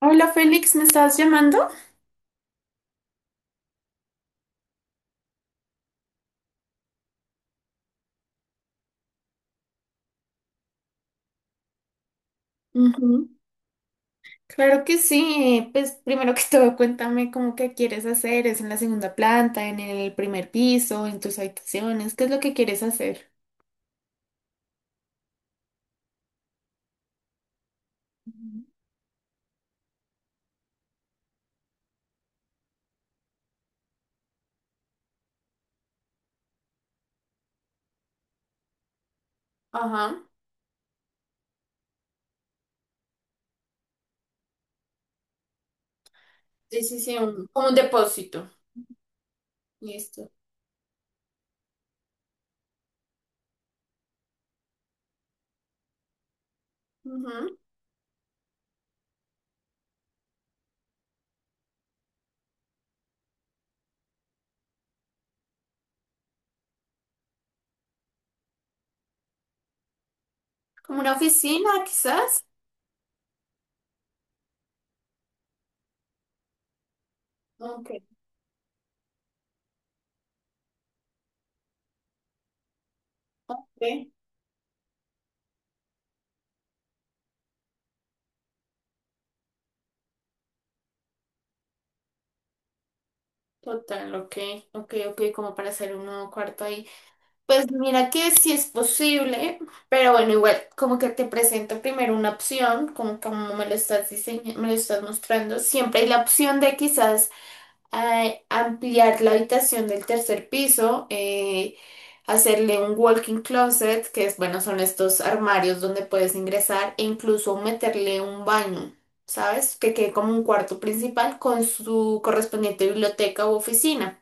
Hola Félix, ¿me estás llamando? Ujú. Claro que sí. Pues primero que todo, cuéntame cómo que quieres hacer. ¿Es en la segunda planta, en el primer piso, en tus habitaciones? ¿Qué es lo que quieres hacer? Ujú. Ajá, sí, sí, sí, como un depósito. Listo. Ujú. ¿Como una oficina, quizás? Ok, ok. Total, ok, ok, ok, como para hacer un nuevo cuarto ahí. Pues mira que sí es posible, pero bueno, igual como que te presento primero una opción, como me lo estás diseñando, me lo estás mostrando, siempre hay la opción de quizás ampliar la habitación del tercer piso, hacerle un walk-in closet, que es bueno, son estos armarios donde puedes ingresar e incluso meterle un baño, ¿sabes? Que quede como un cuarto principal con su correspondiente biblioteca u oficina.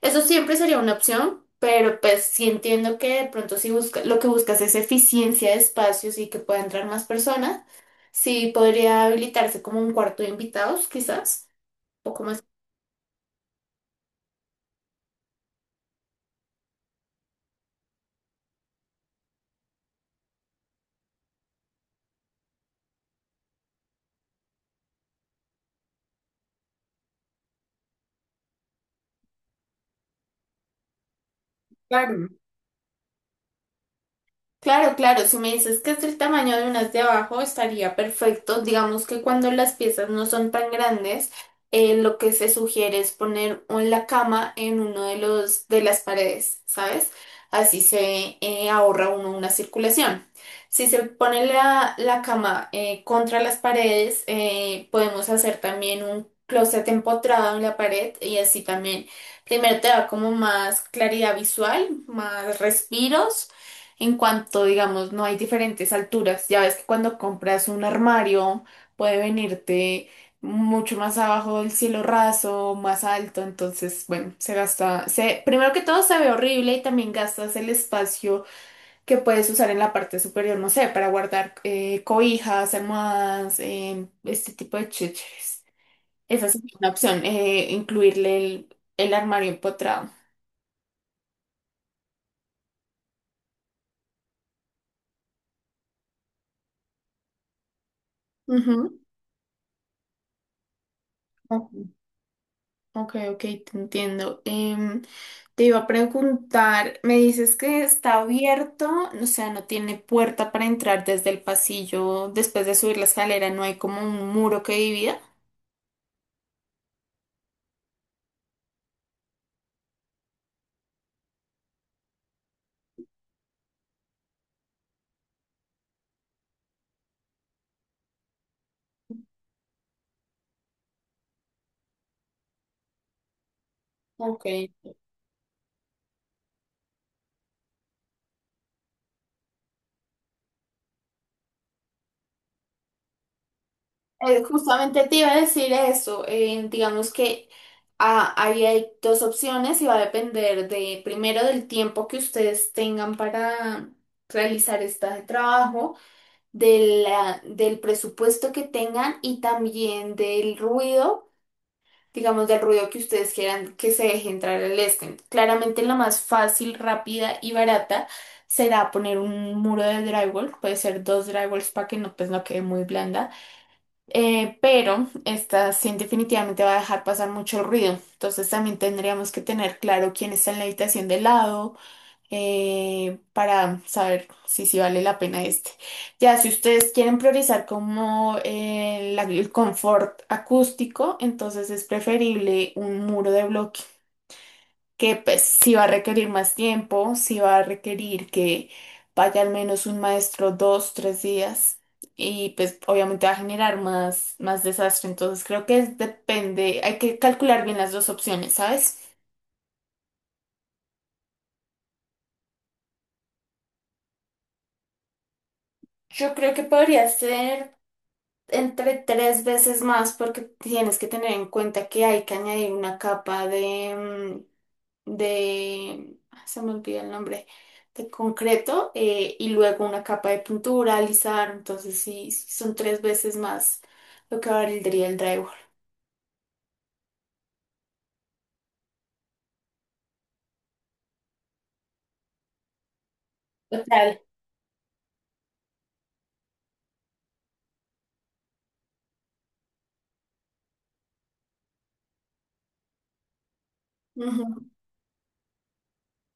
Eso siempre sería una opción, pero pues sí entiendo que de pronto si busca, lo que buscas es eficiencia de espacios y que pueda entrar más personas, sí podría habilitarse como un cuarto de invitados, quizás, un poco más. Claro. Claro, claro, si me dices que es el tamaño de unas de abajo, estaría perfecto. Digamos que cuando las piezas no son tan grandes, lo que se sugiere es poner la cama en uno de los de las paredes, ¿sabes? Así se ahorra uno una circulación. Si se pone la cama contra las paredes, podemos hacer también un closet empotrado en la pared y así también, primero te da como más claridad visual, más respiros. En cuanto, digamos, no hay diferentes alturas, ya ves que cuando compras un armario puede venirte mucho más abajo del cielo raso, más alto, entonces, bueno, se gasta, primero que todo se ve horrible y también gastas el espacio que puedes usar en la parte superior, no sé, para guardar cobijas, almohadas, este tipo de chécheres. Esa sí es una opción, incluirle el armario empotrado. Ujú. Ok, ok, ok, te entiendo. Te iba a preguntar, me dices que está abierto, o sea, no tiene puerta para entrar desde el pasillo, después de subir la escalera, no hay como un muro que divida. Ok. Justamente te iba a decir eso, digamos que ahí hay dos opciones y va a depender de, primero, del tiempo que ustedes tengan para realizar este trabajo, del presupuesto que tengan y también del ruido digamos, del ruido que ustedes quieran que se deje entrar el estén. Claramente la más fácil, rápida y barata será poner un muro de drywall, puede ser dos drywalls para que no, pues, no quede muy blanda. Pero esta sí definitivamente va a dejar pasar mucho ruido, entonces también tendríamos que tener claro quién está en la habitación de lado, para saber si vale la pena este. Ya, si ustedes quieren priorizar como el confort acústico, entonces es preferible un muro de bloque, que pues sí va a requerir más tiempo, sí va a requerir que vaya al menos un maestro 2, 3 días. Y pues obviamente va a generar más, más desastre. Entonces creo que depende, hay que calcular bien las dos opciones, ¿sabes? Yo creo que podría ser entre tres veces más porque tienes que tener en cuenta que hay que añadir una capa de, se me olvida el nombre, de concreto y luego una capa de pintura, alisar, entonces sí, sí son tres veces más lo que valdría el drywall. Total.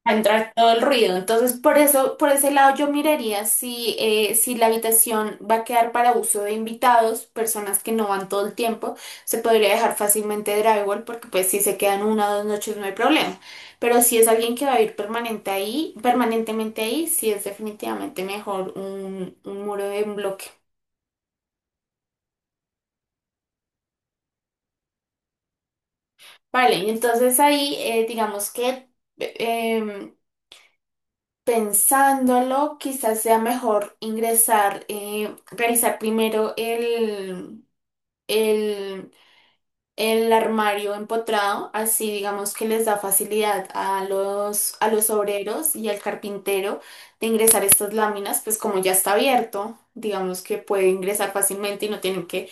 A entrar todo el ruido. Entonces, por eso, por ese lado yo miraría si la habitación va a quedar para uso de invitados, personas que no van todo el tiempo, se podría dejar fácilmente drywall porque pues si se quedan una o dos noches no hay problema. Pero si es alguien que va a ir permanente ahí, permanentemente ahí, sí es definitivamente mejor un muro en bloque. Vale, y entonces ahí digamos que. em, Pensándolo, quizás sea mejor ingresar, realizar primero el, el armario empotrado, así digamos que les da facilidad a los obreros y al carpintero de ingresar estas láminas, pues como ya está abierto, digamos que puede ingresar fácilmente y no tienen que,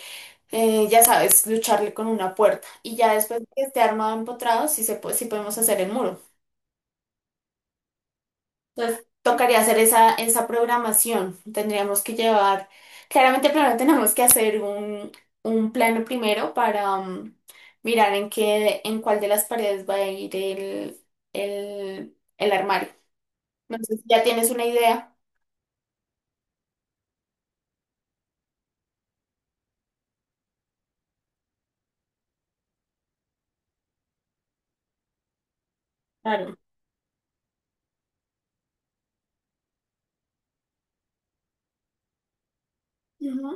ya sabes, lucharle con una puerta. Y ya después de que esté armado empotrado, sí, se puede, sí podemos hacer el muro. Entonces, tocaría hacer esa programación. Tendríamos que llevar, claramente primero tenemos que hacer un plano primero para mirar en qué, en cuál de las paredes va a ir el armario. No sé si ya tienes una idea. Claro. Ujú,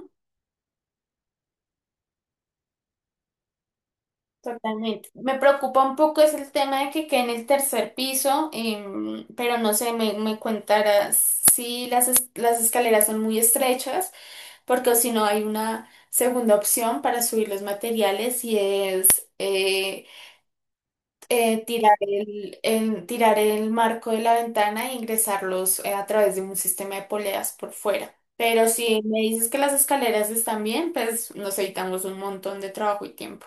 totalmente. Me preocupa un poco es el tema de que quede en el tercer piso, pero no sé, me contarás si las escaleras son muy estrechas. Porque si no hay una segunda opción para subir los materiales y es eh, tirar el marco de la ventana e ingresarlos a través de un sistema de poleas por fuera. Pero si me dices que las escaleras están bien, pues nos evitamos un montón de trabajo y tiempo.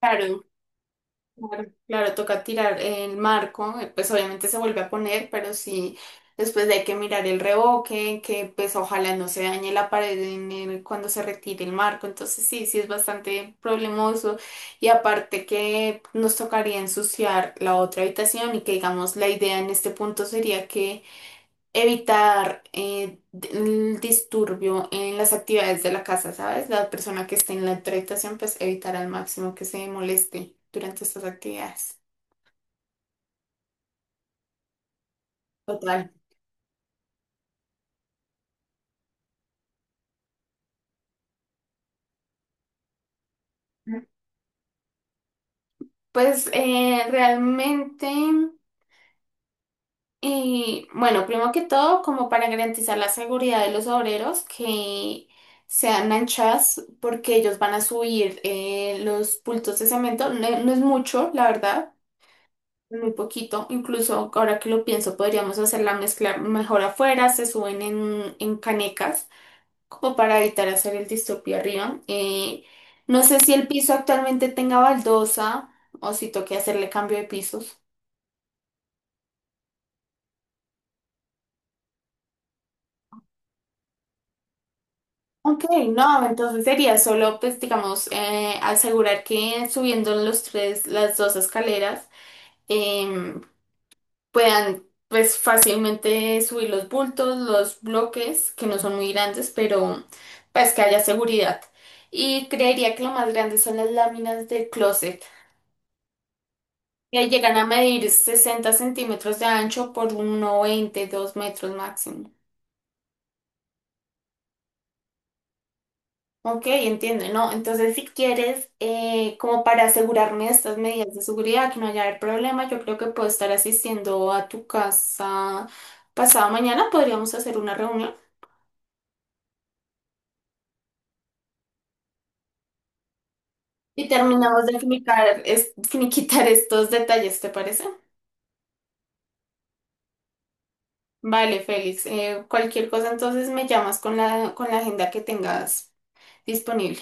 Claro, claro, claro, toca tirar el marco, pues obviamente se vuelve a poner, pero sí, después hay que mirar el revoque, que pues ojalá no se dañe la pared cuando se retire el marco, entonces sí, sí es bastante problemoso y aparte que nos tocaría ensuciar la otra habitación y que digamos la idea en este punto sería que evitar el disturbio en las actividades de la casa, ¿sabes? La persona que esté en la otra habitación, pues evitar al máximo que se moleste durante estas actividades. Total. Pues realmente, y bueno, primero que todo, como para garantizar la seguridad de los obreros que sean anchas, porque ellos van a subir los bultos de cemento, no, no es mucho, la verdad. Muy poquito, incluso ahora que lo pienso, podríamos hacer la mezcla mejor afuera, se suben en canecas, como para evitar hacer el distopio arriba. No sé si el piso actualmente tenga baldosa o si toque hacerle cambio de pisos. Ok, no, entonces sería solo, pues, digamos, asegurar que subiendo las dos escaleras, puedan pues fácilmente subir los bultos, los bloques, que no son muy grandes, pero pues que haya seguridad. Y creería que lo más grande son las láminas del closet. Que llegan a medir 60 cm de ancho por uno veinte 2 m máximo. Ok, entiendo, ¿no? Entonces, si quieres, como para asegurarme de estas medidas de seguridad, que no haya haber problema, yo creo que puedo estar asistiendo a tu casa pasado mañana. Podríamos hacer una reunión. Y terminamos de finiquitar estos detalles, ¿te parece? Vale, Félix. Cualquier cosa entonces me llamas con con la agenda que tengas disponible.